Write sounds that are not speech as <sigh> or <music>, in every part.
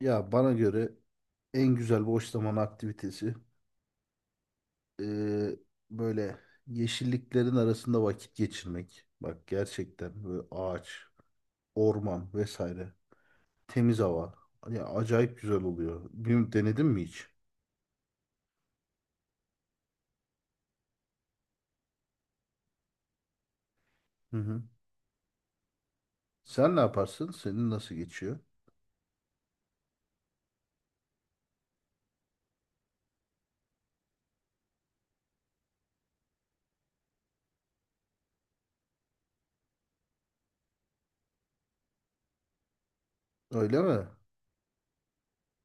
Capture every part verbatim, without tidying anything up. Ya bana göre en güzel boş zaman aktivitesi eee, böyle yeşilliklerin arasında vakit geçirmek. Bak gerçekten böyle ağaç, orman vesaire, temiz hava. Ya acayip güzel oluyor. Bilmiyorum, denedin mi hiç? Hı hı. Sen ne yaparsın? Senin nasıl geçiyor? Öyle mi?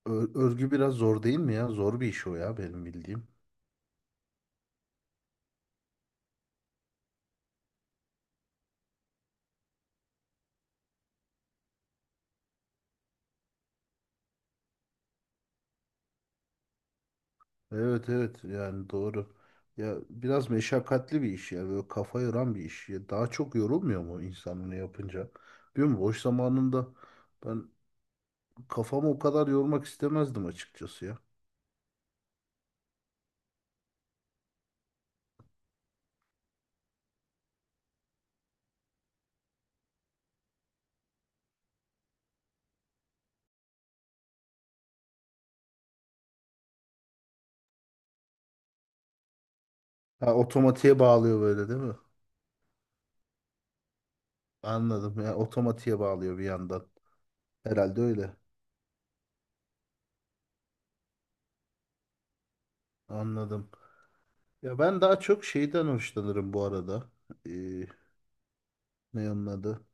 Ö- örgü biraz zor değil mi ya? Zor bir iş o ya, benim bildiğim. Evet evet, yani doğru. Ya biraz meşakkatli bir iş ya, böyle kafa yoran bir iş. Ya daha çok yorulmuyor mu insan bunu yapınca? Bilmiyorum, boş zamanında ben kafamı o kadar yormak istemezdim açıkçası ya. Ha, otomatiğe bağlıyor böyle, değil mi? Anladım, ya otomatiğe bağlıyor bir yandan. Herhalde öyle. Anladım. Ya ben daha çok şeyden hoşlanırım bu arada. Ee, ne onun adı?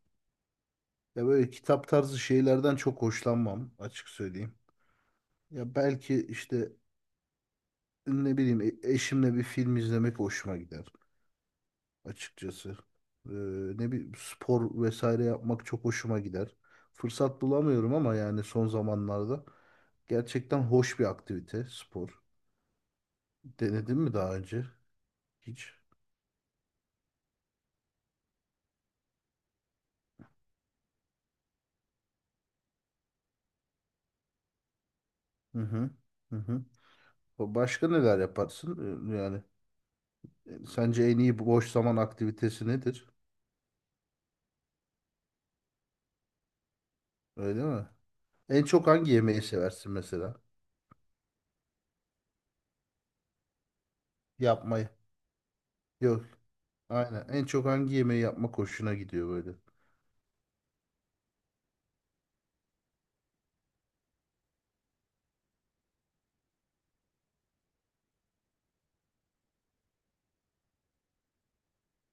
Ya böyle kitap tarzı şeylerden çok hoşlanmam, açık söyleyeyim. Ya belki işte ne bileyim, e- eşimle bir film izlemek hoşuma gider açıkçası. Ee, ne bir spor vesaire yapmak çok hoşuma gider. Fırsat bulamıyorum ama, yani son zamanlarda gerçekten hoş bir aktivite spor. Denedin mi daha önce? Hiç. Hı hı. Hı hı. Başka neler yaparsın? Ee, Yani e, sence en iyi boş zaman aktivitesi nedir? Öyle mi? En çok hangi yemeği seversin mesela? Yapmayı. Yok. Aynen. En çok hangi yemeği yapmak hoşuna gidiyor böyle?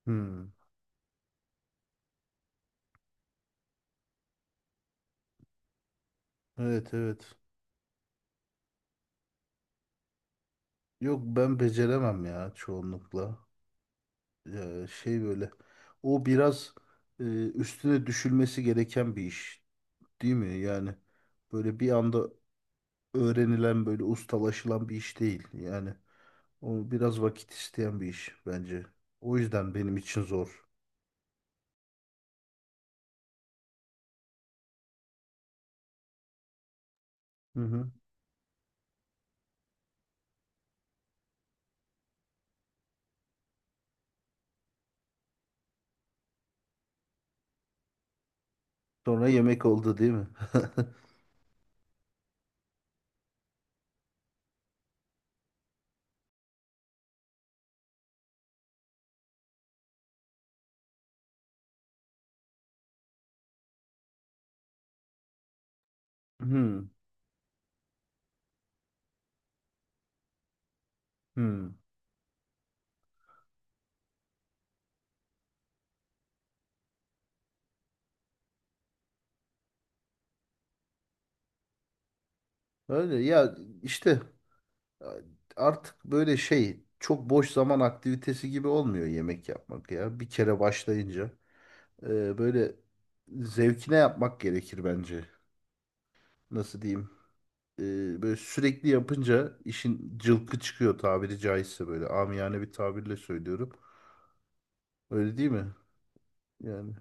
Hmm. Evet evet. Yok, ben beceremem ya çoğunlukla. Ee, şey böyle. O biraz e, üstüne düşülmesi gereken bir iş, değil mi? Yani böyle bir anda öğrenilen, böyle ustalaşılan bir iş değil. Yani o biraz vakit isteyen bir iş bence. O yüzden benim için zor. Hı hı. Sonra yemek oldu değil mi? <laughs> Hmm, hmm. Öyle ya, işte artık böyle şey, çok boş zaman aktivitesi gibi olmuyor yemek yapmak ya. Bir kere başlayınca e, böyle zevkine yapmak gerekir bence. Nasıl diyeyim? E, böyle sürekli yapınca işin cılkı çıkıyor, tabiri caizse, böyle amiyane bir tabirle söylüyorum. Öyle değil mi? Yani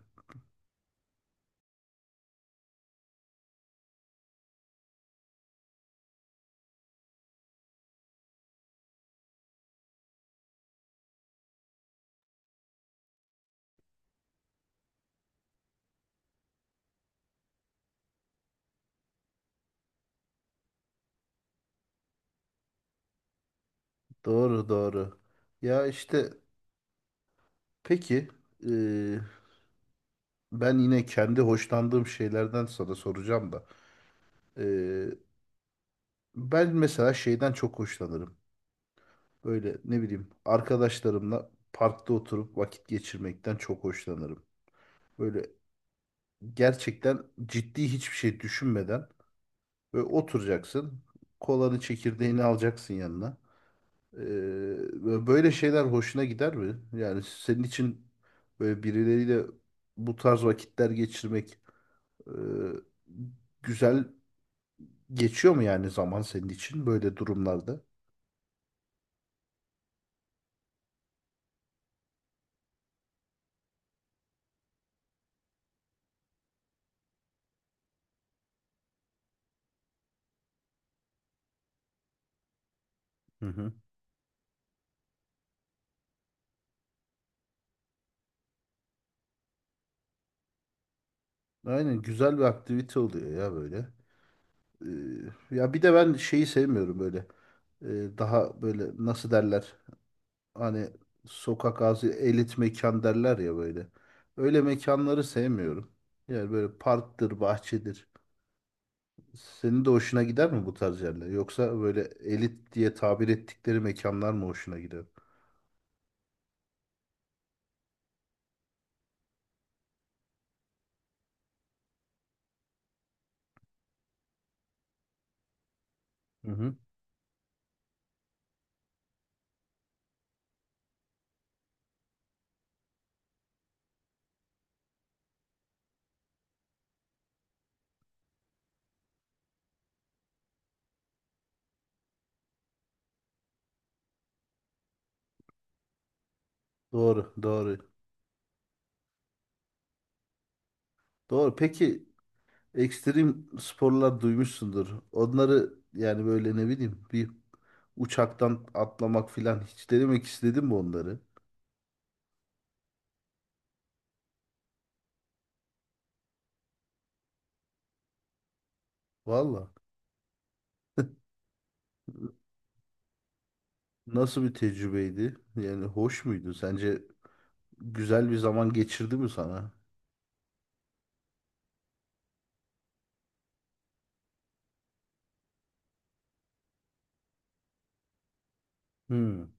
doğru doğru. Ya işte peki, e, ben yine kendi hoşlandığım şeylerden sana soracağım da. E, ben mesela şeyden çok hoşlanırım. Böyle ne bileyim, arkadaşlarımla parkta oturup vakit geçirmekten çok hoşlanırım. Böyle gerçekten ciddi hiçbir şey düşünmeden böyle oturacaksın. Kolanı çekirdeğini alacaksın yanına. Ee, böyle şeyler hoşuna gider mi? Yani senin için böyle birileriyle bu tarz vakitler geçirmek e, güzel geçiyor mu, yani zaman senin için böyle durumlarda? Hı hı. Aynen, güzel bir aktivite oluyor ya böyle. Ee, ya bir de ben şeyi sevmiyorum böyle. Ee, daha böyle nasıl derler? Hani sokak ağzı elit mekan derler ya böyle. Öyle mekanları sevmiyorum. Yani böyle parktır, bahçedir. Senin de hoşuna gider mi bu tarz yerler? Yoksa böyle elit diye tabir ettikleri mekanlar mı hoşuna gider? Hı hı. Doğru, doğru. Doğru. Peki, ekstrem sporlar duymuşsundur. Onları, yani böyle ne bileyim, bir uçaktan atlamak filan hiç denemek istedim mi onları? Valla. Nasıl bir tecrübeydi? Yani hoş muydu? Sence güzel bir zaman geçirdi mi sana? Hmm,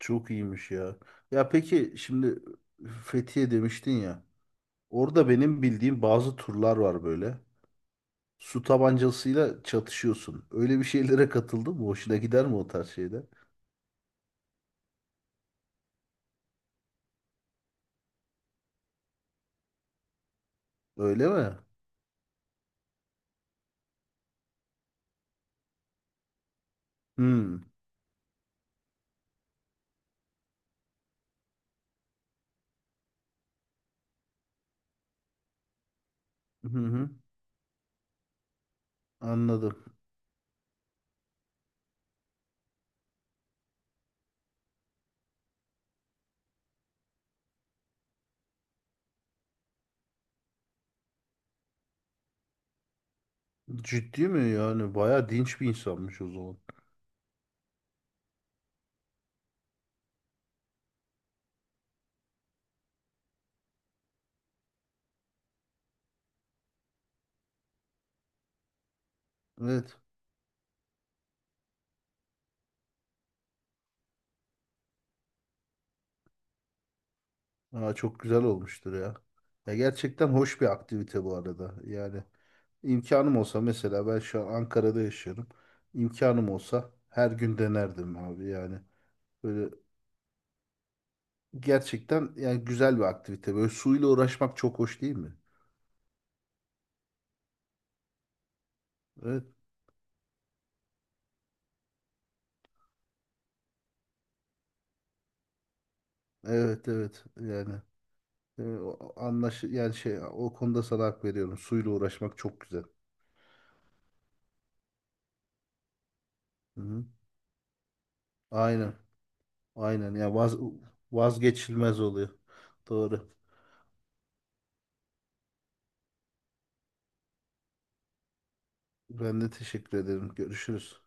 çok iyiymiş ya. Ya peki şimdi Fethiye demiştin ya. Orada benim bildiğim bazı turlar var böyle. Su tabancasıyla çatışıyorsun. Öyle bir şeylere katıldın mı? Hoşuna gider mi o tarz şeyler? Öyle mi? Hmm. Hı hı. Anladım. Ciddi mi yani? Bayağı dinç bir insanmış o zaman. Evet. Aa, çok güzel olmuştur ya. Ya gerçekten hoş bir aktivite bu arada. Yani imkanım olsa, mesela ben şu an Ankara'da yaşıyorum. İmkanım olsa her gün denerdim abi yani. Böyle gerçekten yani güzel bir aktivite. Böyle suyla uğraşmak çok hoş değil mi? Evet. Evet evet yani. e, o- Anlaş yani şey, o konuda sana hak veriyorum. Suyla uğraşmak çok güzel. Hı hı. Aynen. Aynen ya, vaz, vazgeçilmez oluyor. Doğru. Ben de teşekkür ederim. Görüşürüz.